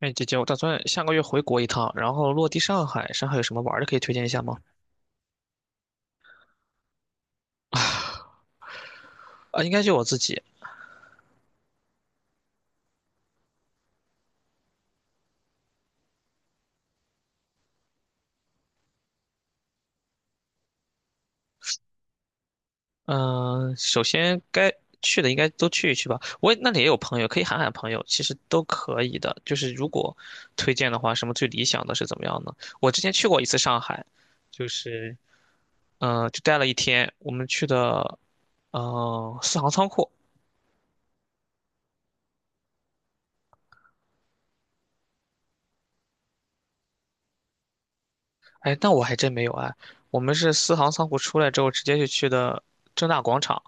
哎，姐姐，我打算下个月回国一趟，然后落地上海。上海有什么玩儿的可以推荐一下吗？啊，应该就我自己。嗯、首先该去的应该都去一去吧。那里也有朋友，可以喊喊朋友，其实都可以的。就是如果推荐的话，什么最理想的是怎么样呢？我之前去过一次上海，就是就待了一天。我们去的四行仓库。哎，那我还真没有哎，我们是四行仓库出来之后，直接就去的正大广场。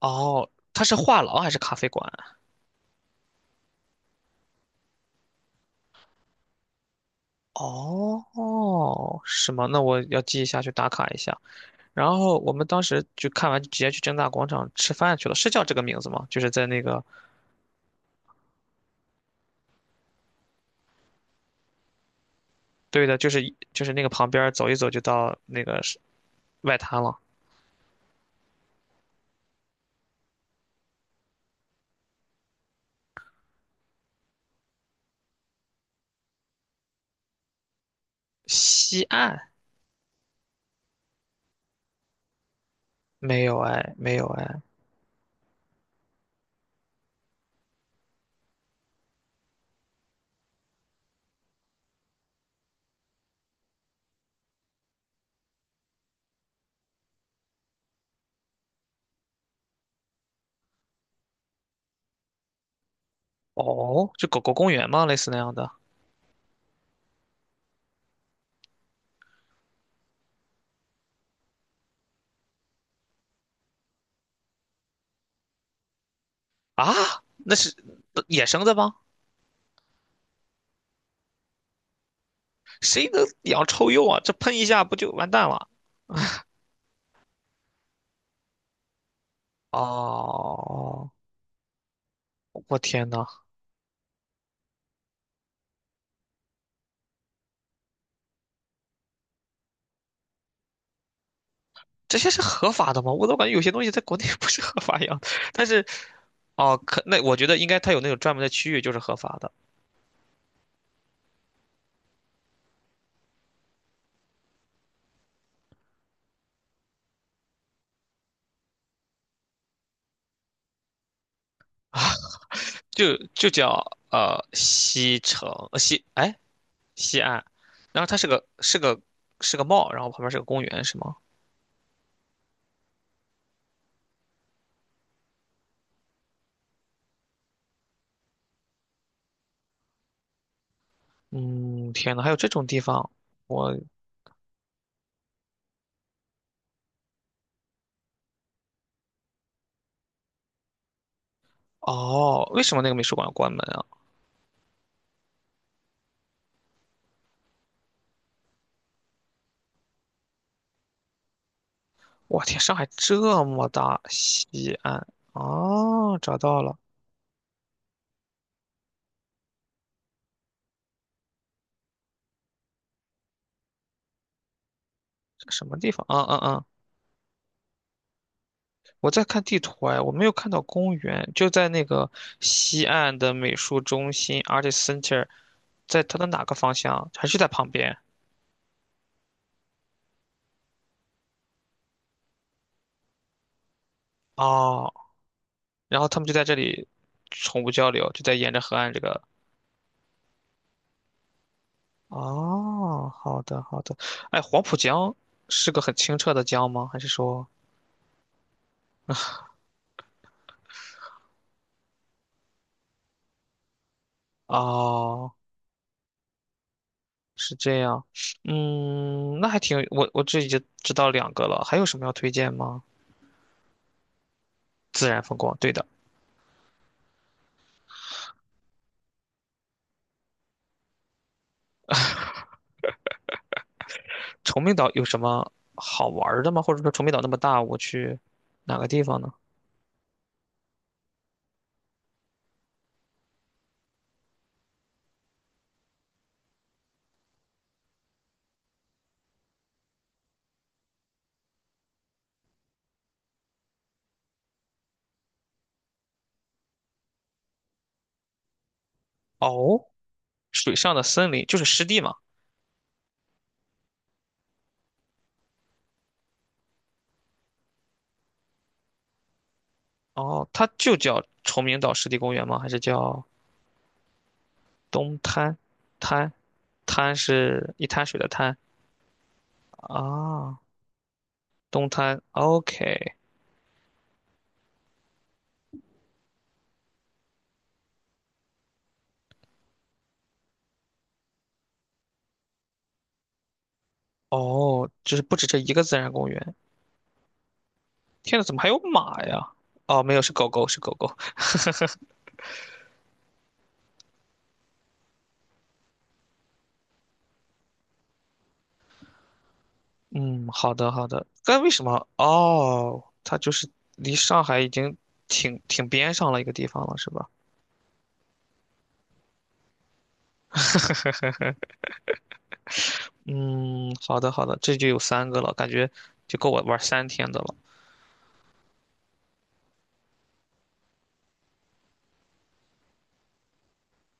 哦，它是画廊还是咖啡馆？哦，是吗？那我要记一下，去打卡一下。然后我们当时就看完，直接去正大广场吃饭去了，是叫这个名字吗？就是在那个，对的，就是那个旁边儿走一走就到那个是外滩了。西岸没有哎，没有哎。哦，就狗狗公园吗？类似那样的啊？那是野生的吗？谁能养臭鼬啊？这喷一下不就完蛋了？哦，我天呐，这些是合法的吗？我都感觉有些东西在国内 不是合法一样的。但是，哦，可那我觉得应该它有那种专门的区域就是合法的，就叫西城西安，然后它是个是个 mall,然后旁边是个公园是吗？嗯，天呐，还有这种地方，我哦，为什么那个美术馆要关门啊？我天，上海这么大，西安哦，找到了，这什么地方？嗯。我在看地图哎，我没有看到公园，就在那个西岸的美术中心 a r t i s Center,在它的哪个方向？还是在旁边？哦，然后他们就在这里宠物交流，就在沿着河岸这个。哦，好的好的。哎，黄浦江是个很清澈的江吗？还是说？哦，是这样。嗯，那还挺，我这已经知道两个了，还有什么要推荐吗？自然风光，对的。崇明岛有什么好玩儿的吗？或者说崇明岛那么大，我去哪个地方呢？哦，水上的森林就是湿地嘛。哦，它就叫崇明岛湿地公园吗？还是叫东滩？滩是一滩水的滩啊，东滩。OK,哦，就是不止这一个自然公园。天呐，怎么还有马呀？哦，没有，是狗狗，是狗狗。嗯，好的好的。但为什么？哦，它就是离上海已经挺边上了一个地方了，是吧？嗯，好的好的，这就有三个了，感觉就够我玩三天的了。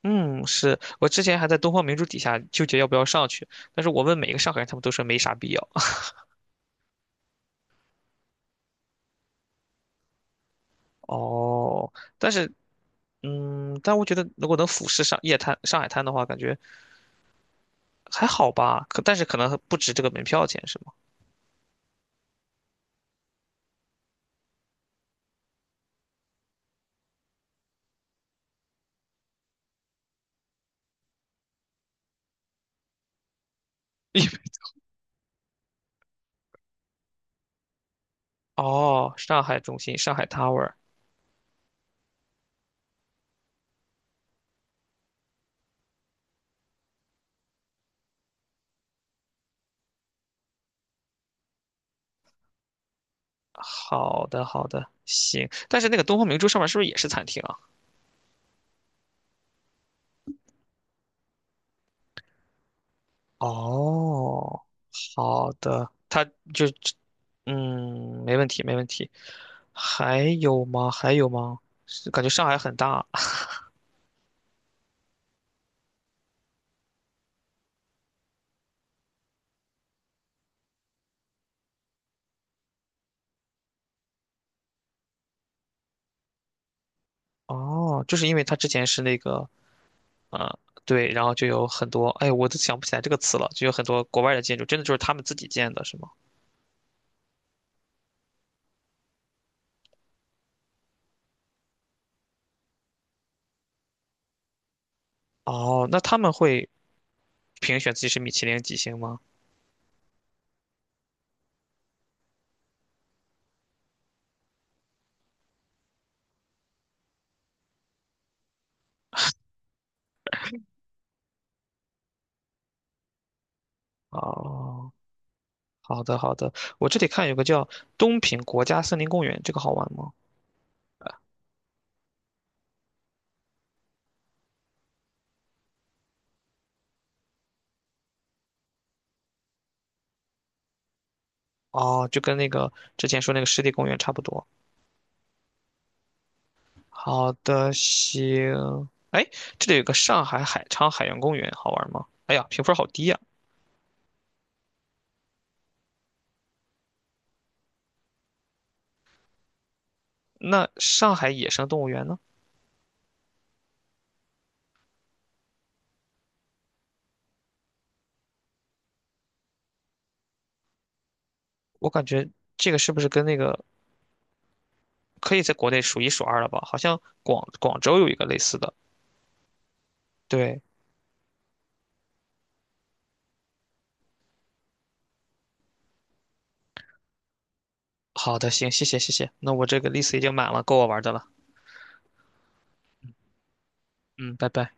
嗯，是我之前还在东方明珠底下纠结要不要上去，但是我问每个上海人，他们都说没啥必要。哦，但是嗯，但我觉得如果能俯视上海滩的话，感觉还好吧。可但是可能不值这个门票钱，是吗？哦，上海中心，上海 Tower。好的，好的，行。但是那个东方明珠上面是不是也是餐厅啊？哦，好的，就，嗯，没问题，没问题。还有吗？还有吗？是感觉上海很大。哦，就是因为它之前是那个，呃，对，然后就有很多，哎，我都想不起来这个词了，就有很多国外的建筑，真的就是他们自己建的，是吗？哦，那他们会评选自己是米其林几星吗？哦，好的，好的。我这里看有个叫东平国家森林公园，这个好玩吗？哦，就跟那个之前说那个湿地公园差不多。好的，行。哎，这里有个上海海昌海洋公园，好玩吗？哎呀，评分好低呀。那上海野生动物园呢？我感觉这个是不是跟那个可以在国内数一数二了吧？好像广州有一个类似的。对，好的，行，谢谢。那我这个 list 已经满了，够我玩的了。嗯，拜拜。